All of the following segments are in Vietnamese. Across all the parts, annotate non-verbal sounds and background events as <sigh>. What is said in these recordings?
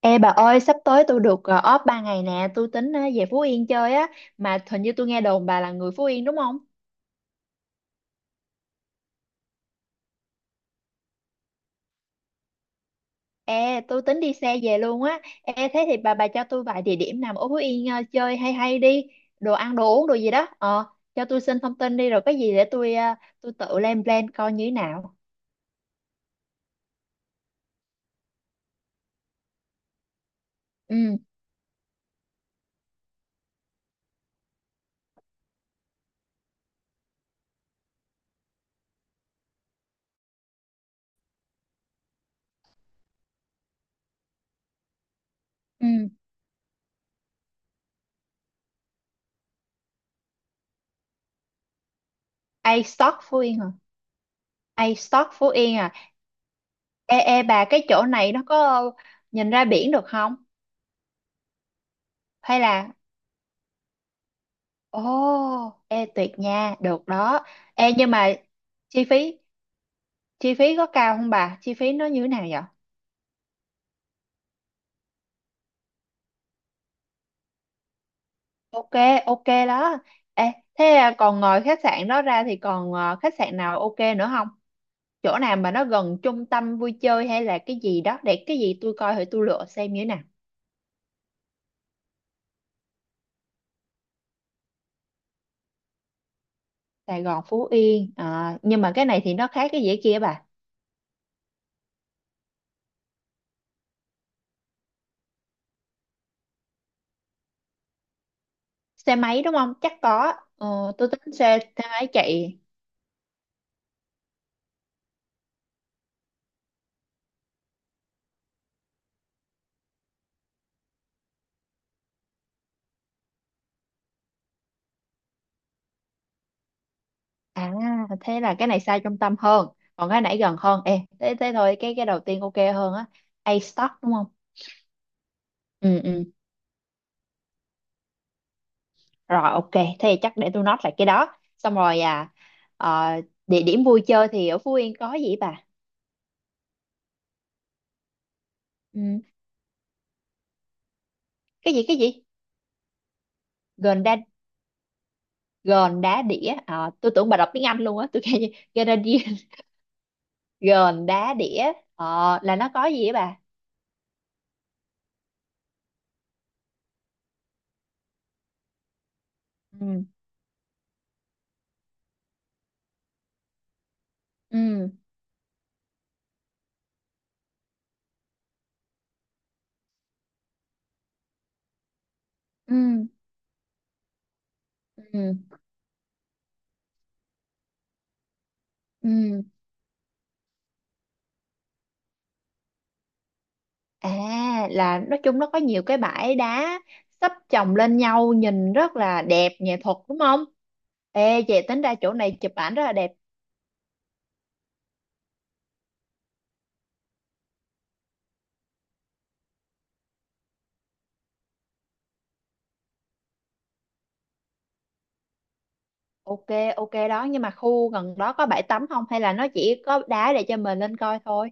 Ê bà ơi, sắp tới tôi được off 3 ngày nè, tôi tính về Phú Yên chơi á, mà hình như tôi nghe đồn bà là người Phú Yên đúng không? Ê, tôi tính đi xe về luôn á. Ê, thế thì bà cho tôi vài địa điểm nào ở Phú Yên chơi hay hay đi, đồ ăn, đồ uống, đồ gì đó. Ờ, cho tôi xin thông tin đi rồi có gì để tôi tôi tự lên plan coi như thế nào. Ừ, ừ. A Stock Phú Yên hả? A Stock Phú Yên à. Ê, ê bà cái chỗ này nó có nhìn ra biển được không? Hay là ồ, ê tuyệt nha, được đó. Ê nhưng mà chi phí chi phí có cao không bà? Chi phí nó như thế nào vậy? Ok, ok đó. Ê, thế à, còn ngoài khách sạn đó ra thì còn à, khách sạn nào ok nữa không? Chỗ nào mà nó gần trung tâm vui chơi hay là cái gì đó để cái gì tôi coi thử tôi lựa xem như thế nào. Sài Gòn, Phú Yên. À, nhưng mà cái này thì nó khác cái dĩa kia bà. Xe máy đúng không? Chắc có. Ờ, tôi tính xe xe máy chạy. À, thế là cái này xa trung tâm hơn, còn cái nãy gần hơn. Ê, thế thế thôi, cái đầu tiên ok hơn á. A stock đúng không? Ừ ừ. Rồi ok, thế thì chắc để tôi note lại cái đó. Xong rồi à ờ, địa điểm vui chơi thì ở Phú Yên có gì vậy bà? Ừ, cái gì? Gòn đá Gòn đá đĩa. Ờ, tôi tưởng bà đọc tiếng Anh luôn á, tôi kêu gòn đá đĩa. Gòn <laughs> đá đĩa. Ờ, là nó có gì vậy bà? Ừ ừ ừ ừ ừ. À, là nói chung nó có nhiều cái bãi đá sắp chồng lên nhau nhìn rất là đẹp nghệ thuật đúng không? Ê về tính ra chỗ này chụp ảnh rất là đẹp. Ok, ok đó nhưng mà khu gần đó có bãi tắm không hay là nó chỉ có đá để cho mình lên coi thôi?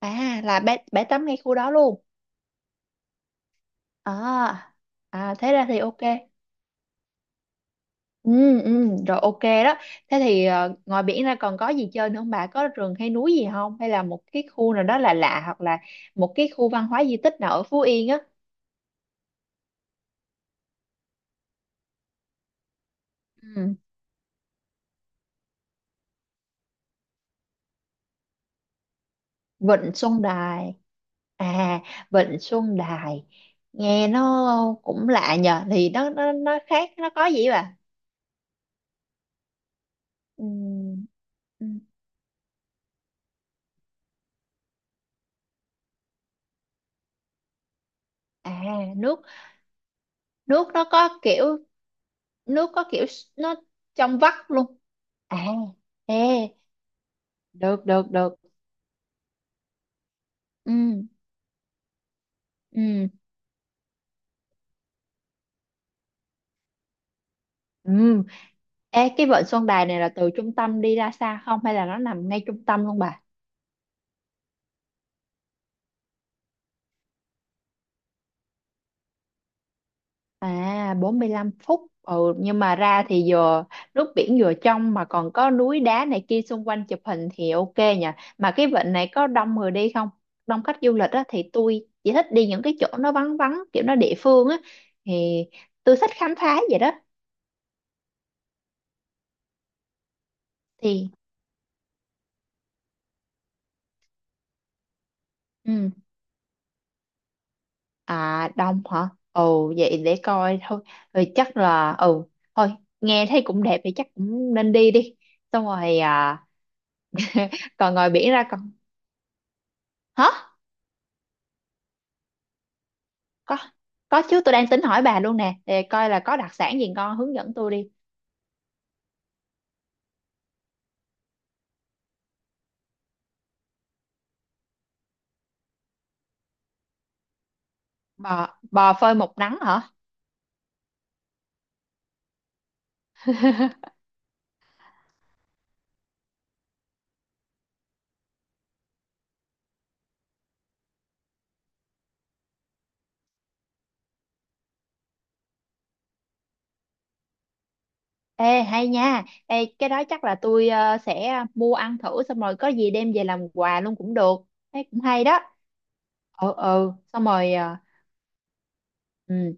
À là bãi tắm ngay khu đó luôn. À, à thế ra thì ok. Ừ, ừ, rồi ok đó. Thế thì ngoài biển ra còn có gì chơi nữa không bà? Có rừng hay núi gì không? Hay là một cái khu nào đó là lạ lạ hoặc là một cái khu văn hóa di tích nào ở Phú Yên á? Ừ. Vịnh Xuân Đài à. Vịnh Xuân Đài nghe nó cũng lạ nhờ thì nó khác nó có gì bà. Ừ. Ừ. À, nước nước nó có kiểu nước có kiểu nó trong vắt luôn. À ê, được được được. Ừ ừ ừ. Ê cái Vịnh Xuân Đài này là từ trung tâm đi ra xa không hay là nó nằm ngay trung tâm luôn bà? À 45 phút ừ, nhưng mà ra thì vừa nước biển vừa trong mà còn có núi đá này kia xung quanh chụp hình thì ok nhỉ, mà cái vịnh này có đông người đi không, đông khách du lịch á thì tôi chỉ thích đi những cái chỗ nó vắng vắng kiểu nó địa phương á thì tôi thích khám phá vậy đó thì ừ. À đông hả, ồ vậy để coi thôi, rồi chắc là ừ thôi, nghe thấy cũng đẹp thì chắc cũng nên đi đi. Xong rồi à. <laughs> Còn ngoài biển ra còn hả? có có chứ tôi đang tính hỏi bà luôn nè để coi là có đặc sản gì ngon hướng dẫn tôi đi. Bò bò phơi một nắng hả? <laughs> Ê hay nha, ê cái đó chắc là tôi sẽ mua ăn thử xong rồi có gì đem về làm quà luôn cũng được, thấy cũng hay đó. Ừ ừ xong rồi ừ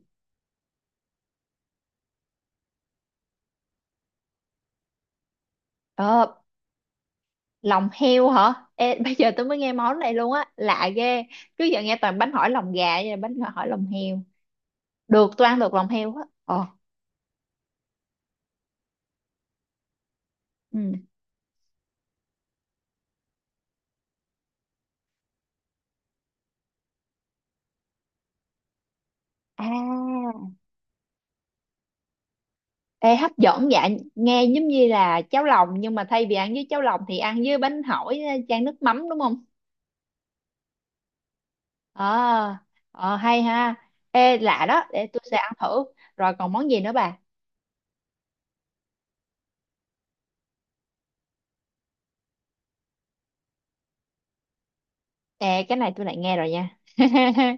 ờ, lòng heo hả? Ê <laughs> bây giờ tôi mới nghe món này luôn á lạ ghê, trước giờ nghe toàn bánh hỏi lòng gà vậy là bánh hỏi lòng heo, được tôi ăn được lòng heo á ờ ừ à. Ê, hấp dẫn dạ, nghe giống như là cháo lòng nhưng mà thay vì ăn với cháo lòng thì ăn với bánh hỏi chan nước mắm đúng không? Ờ, ờ, hay ha. Ê lạ đó, để tôi sẽ ăn thử. Rồi còn món gì nữa bà? Ê cái này tôi lại nghe rồi nha. <laughs>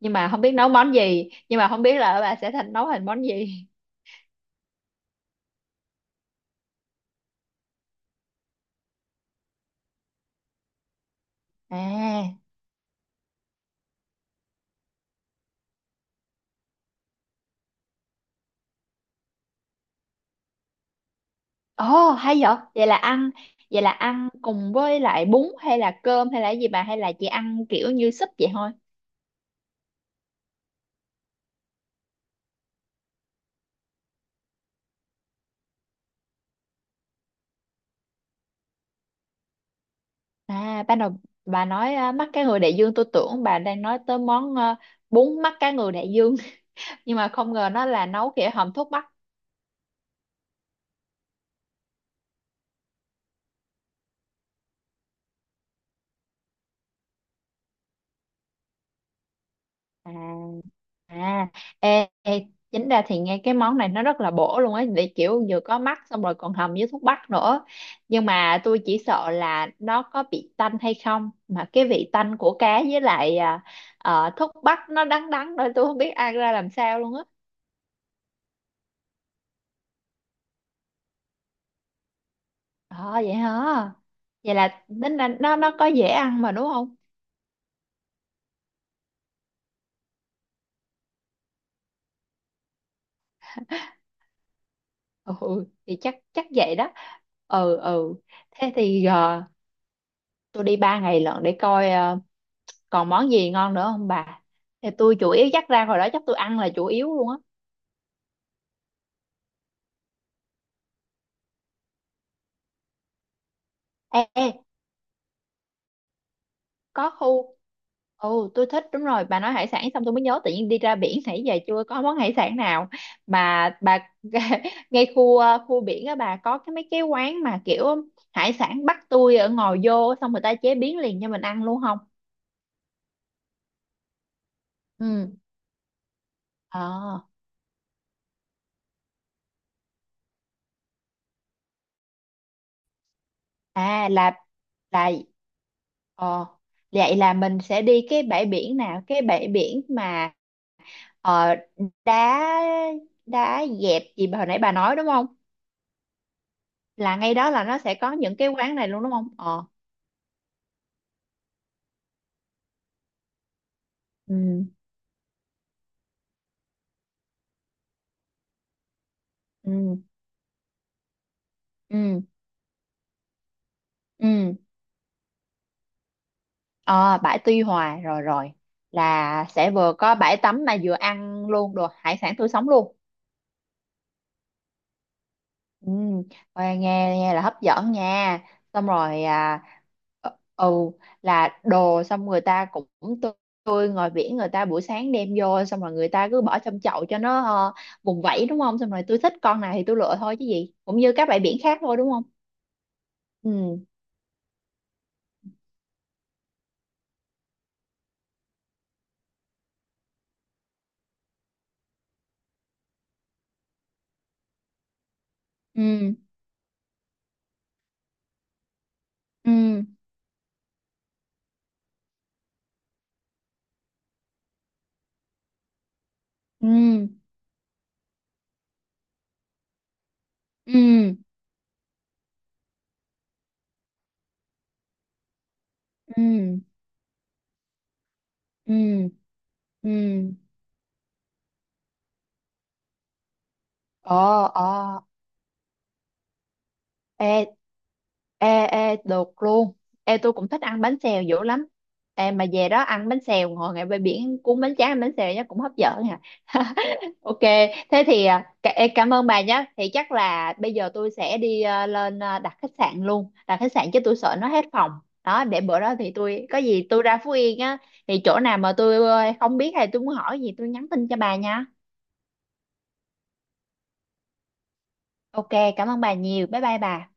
Nhưng mà không biết nấu món gì, nhưng mà không biết là bà sẽ thành nấu thành món gì. À, ồ hay vậy. Vậy là ăn, vậy là ăn cùng với lại bún hay là cơm hay là gì bà hay là chỉ ăn kiểu như súp vậy thôi? À, ban đầu bà nói à, mắt cá ngừ đại dương tôi tưởng bà đang nói tới món à, bún mắt cá ngừ đại dương <laughs> nhưng mà không ngờ nó là nấu kiểu hầm thuốc bắc. À, à ê, ê, chính ra thì nghe cái món này nó rất là bổ luôn ấy để kiểu vừa có mắt xong rồi còn hầm với thuốc bắc nữa. Nhưng mà tôi chỉ sợ là nó có bị tanh hay không mà cái vị tanh của cá với lại à, thuốc bắc nó đắng đắng nữa tôi không biết ăn ra làm sao luôn á. Ờ vậy hả? Vậy là tính là nó có dễ ăn mà đúng không? Ừ thì chắc chắc vậy đó. Ừ ừ thế thì tôi đi 3 ngày lận để coi còn món gì ngon nữa không bà, thì tôi chủ yếu chắc ra hồi đó chắc tôi ăn là chủ yếu luôn á. Ê, ê có khu ừ tôi thích đúng rồi bà nói hải sản xong tôi mới nhớ tự nhiên đi ra biển nãy giờ chưa có món hải sản nào mà bà <laughs> ngay khu khu biển á bà có cái mấy cái quán mà kiểu hải sản bắt tôi ở ngồi vô xong người ta chế biến liền cho mình ăn luôn không? Ừ. Ờ à là là ờ vậy là mình sẽ đi cái bãi biển nào cái bãi biển mà ờ, đá, đá dẹp gì mà hồi nãy bà nói đúng không, là ngay đó là nó sẽ có những cái quán này luôn đúng không ờ. Ừ ừ ừ ừ ờ bãi Tuy Hòa rồi rồi, là sẽ vừa có bãi tắm mà vừa ăn luôn đồ hải sản tươi sống luôn. Ừ, nghe nghe nghe là hấp dẫn nha. Xong rồi à ừ là đồ xong người ta cũng tươi, tươi ngoài biển người ta buổi sáng đem vô xong rồi người ta cứ bỏ trong chậu cho nó ờ, vùng vẫy đúng không? Xong rồi tôi thích con này thì tôi lựa thôi chứ gì. Cũng như các bãi biển khác thôi đúng không? Ừ. Ừ. Ừ. Ừ. Ừ. Ừ. Ừ. Ừ. Ừ. Ồ, ồ. Ê, ê, ê, được luôn. Ê, tôi cũng thích ăn bánh xèo dữ lắm. Ê, mà về đó ăn bánh xèo, ngồi ngay bãi biển cuốn bánh tráng ăn bánh xèo nhá, cũng hấp dẫn nha. <laughs> Ok, thế thì à, cả- ê, cảm ơn bà nhé. Thì chắc là bây giờ tôi sẽ đi à, lên à, đặt khách sạn luôn. Đặt khách sạn chứ tôi sợ nó hết phòng. Đó, để bữa đó thì tôi, có gì tôi ra Phú Yên á, thì chỗ nào mà tôi không biết hay tôi muốn hỏi gì tôi nhắn tin cho bà nha. Ok, cảm ơn bà nhiều. Bye bye bà.